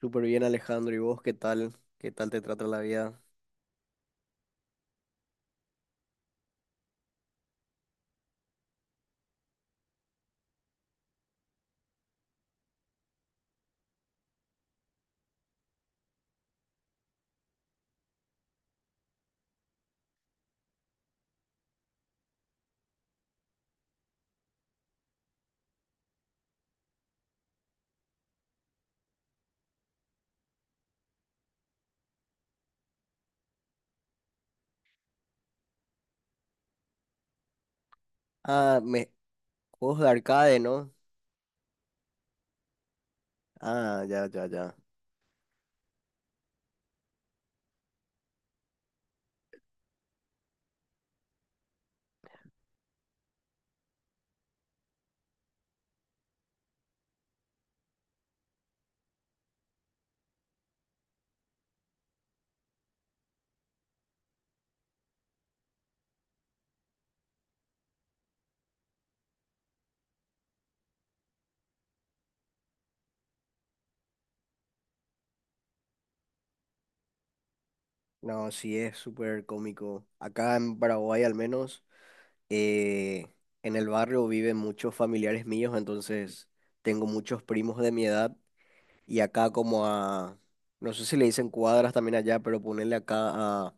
Súper bien, Alejandro. ¿Y vos qué tal? ¿Qué tal te trata la vida? Ah, juegos de arcade, ¿no? Ah, ya, ya, ya. No, sí, es súper cómico. Acá en Paraguay, al menos, eh, en el barrio viven muchos familiares míos, entonces tengo muchos primos de mi edad. Y acá, como a. No sé si le dicen cuadras también allá, pero ponerle acá a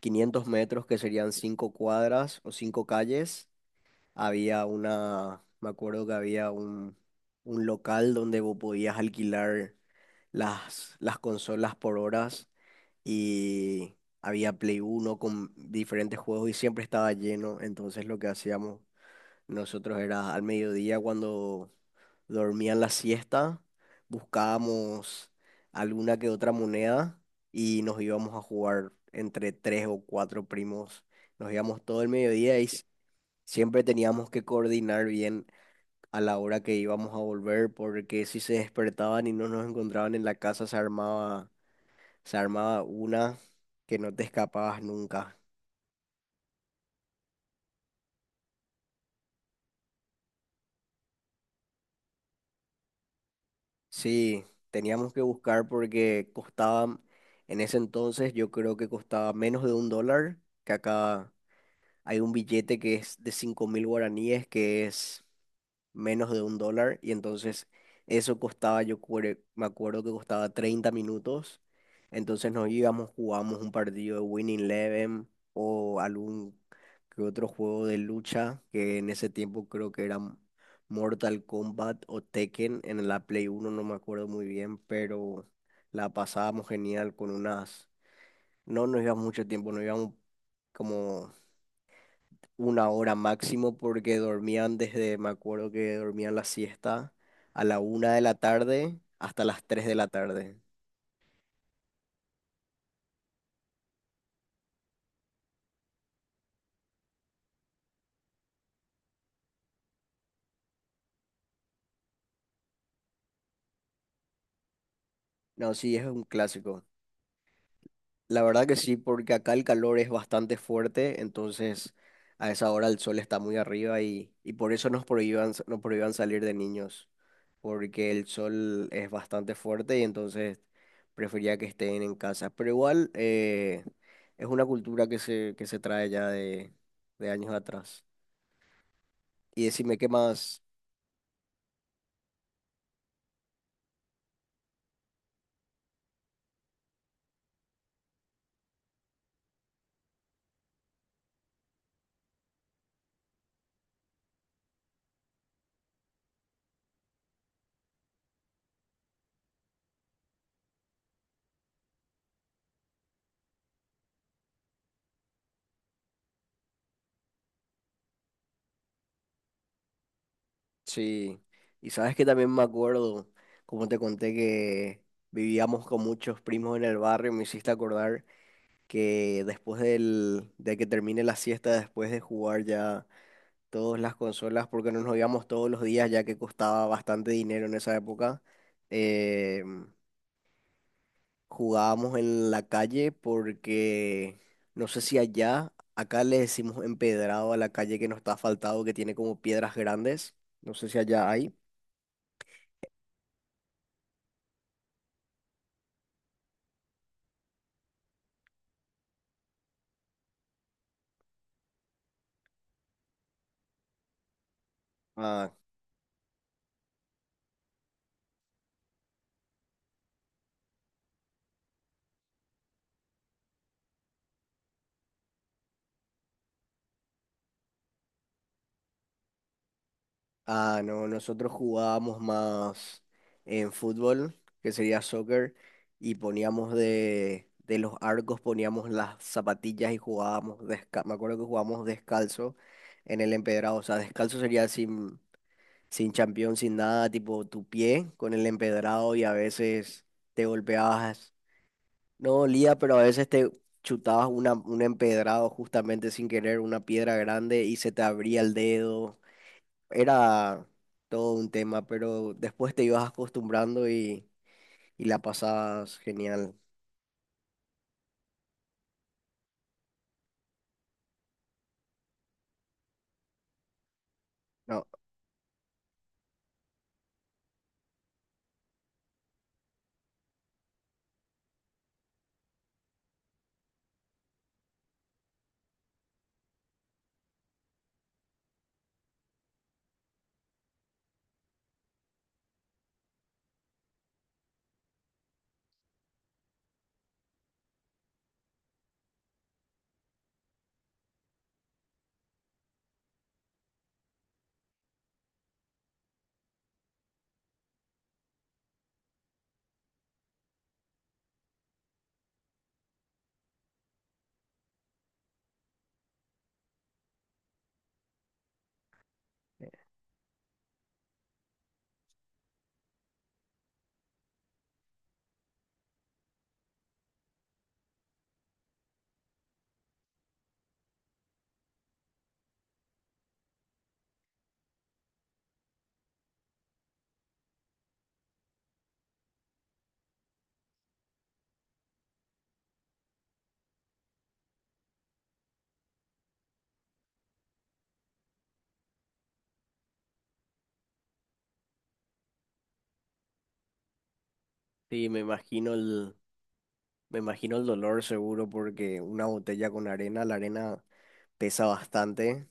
500 metros, que serían 5 cuadras o 5 calles. Había me acuerdo que había un local donde vos podías alquilar las consolas por horas y había Play uno con diferentes juegos y siempre estaba lleno. Entonces lo que hacíamos nosotros era al mediodía cuando dormían la siesta, buscábamos alguna que otra moneda y nos íbamos a jugar entre tres o cuatro primos. Nos íbamos todo el mediodía y siempre teníamos que coordinar bien a la hora que íbamos a volver, porque si se despertaban y no nos encontraban en la casa, se armaba una que no te escapabas nunca. Sí, teníamos que buscar porque costaba, en ese entonces yo creo que costaba menos de 1 dólar, que acá hay un billete que es de 5000 guaraníes, que es menos de 1 dólar, y entonces eso costaba, me acuerdo que costaba 30 minutos, entonces nos íbamos, jugábamos un partido de Winning Eleven o algún que otro juego de lucha, que en ese tiempo creo que eran Mortal Kombat o Tekken, en la Play uno no me acuerdo muy bien, pero la pasábamos genial con unas, no nos íbamos mucho tiempo, nos íbamos como una hora máximo porque dormían desde, me acuerdo que dormían la siesta a la 1 de la tarde hasta las 3 de la tarde. No, sí, es un clásico. La verdad que sí, porque acá el calor es bastante fuerte, entonces a esa hora el sol está muy arriba y por eso nos prohíban salir de niños, porque el sol es bastante fuerte y entonces prefería que estén en casa. Pero igual es una cultura que se trae ya de años atrás. Y decime qué más. Sí. Y sabes que también me acuerdo, como te conté, que vivíamos con muchos primos en el barrio. Me hiciste acordar que después de que termine la siesta, después de jugar ya todas las consolas, porque no nos íbamos todos los días, ya que costaba bastante dinero en esa época. eh, Jugábamos en la calle porque no sé si allá, acá le decimos empedrado a la calle que no está asfaltado, que tiene como piedras grandes. No sé si allá hay. Ah, ah, no, nosotros jugábamos más en fútbol, que sería soccer, y poníamos de los arcos, poníamos las zapatillas y jugábamos descalzo. Me acuerdo que jugábamos descalzo en el empedrado. O sea, descalzo sería así. Sin champión, sin nada, tipo tu pie con el empedrado y a veces te golpeabas, no dolía, pero a veces te chutabas una, un empedrado justamente sin querer, una piedra grande y se te abría el dedo. Era todo un tema, pero después te ibas acostumbrando y la pasabas genial. No, eh, sí, me imagino el dolor seguro porque una botella con arena, la arena pesa bastante,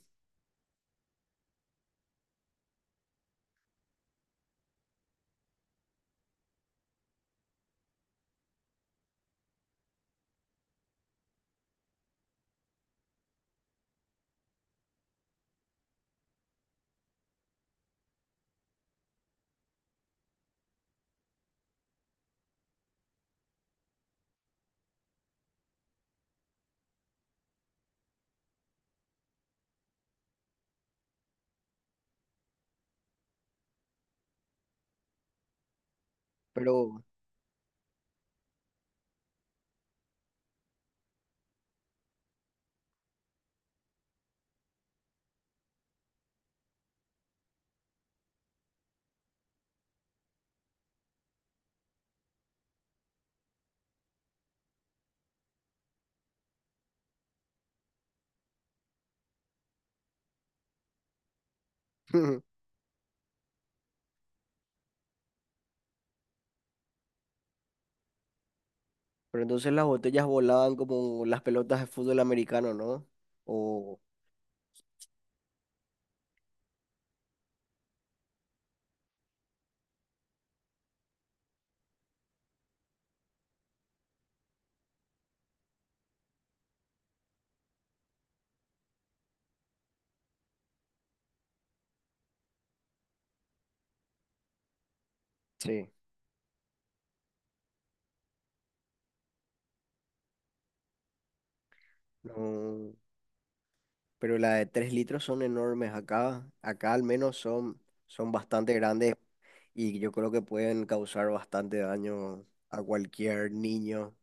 pero... Pero entonces las botellas volaban como las pelotas de fútbol americano, ¿no? O sí, no. Pero las de 3 litros son enormes acá. Acá al menos son bastante grandes y yo creo que pueden causar bastante daño a cualquier niño.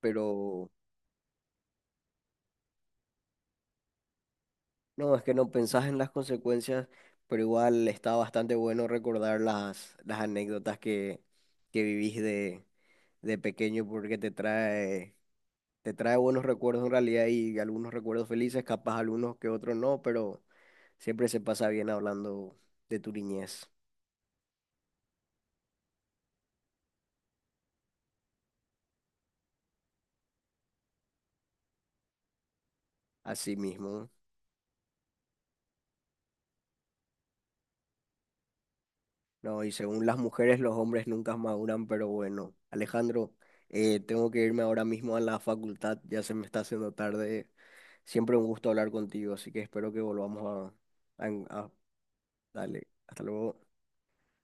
Pero no, es que no pensás en las consecuencias, pero igual está bastante bueno recordar las anécdotas que vivís de pequeño porque te trae buenos recuerdos en realidad y algunos recuerdos felices, capaz algunos que otros no, pero siempre se pasa bien hablando de tu niñez, así mismo. No, y según las mujeres, los hombres nunca maduran, pero bueno, Alejandro, tengo que irme ahora mismo a la facultad, ya se me está haciendo tarde. Siempre un gusto hablar contigo, así que espero que volvamos a... a, a- dale, hasta luego.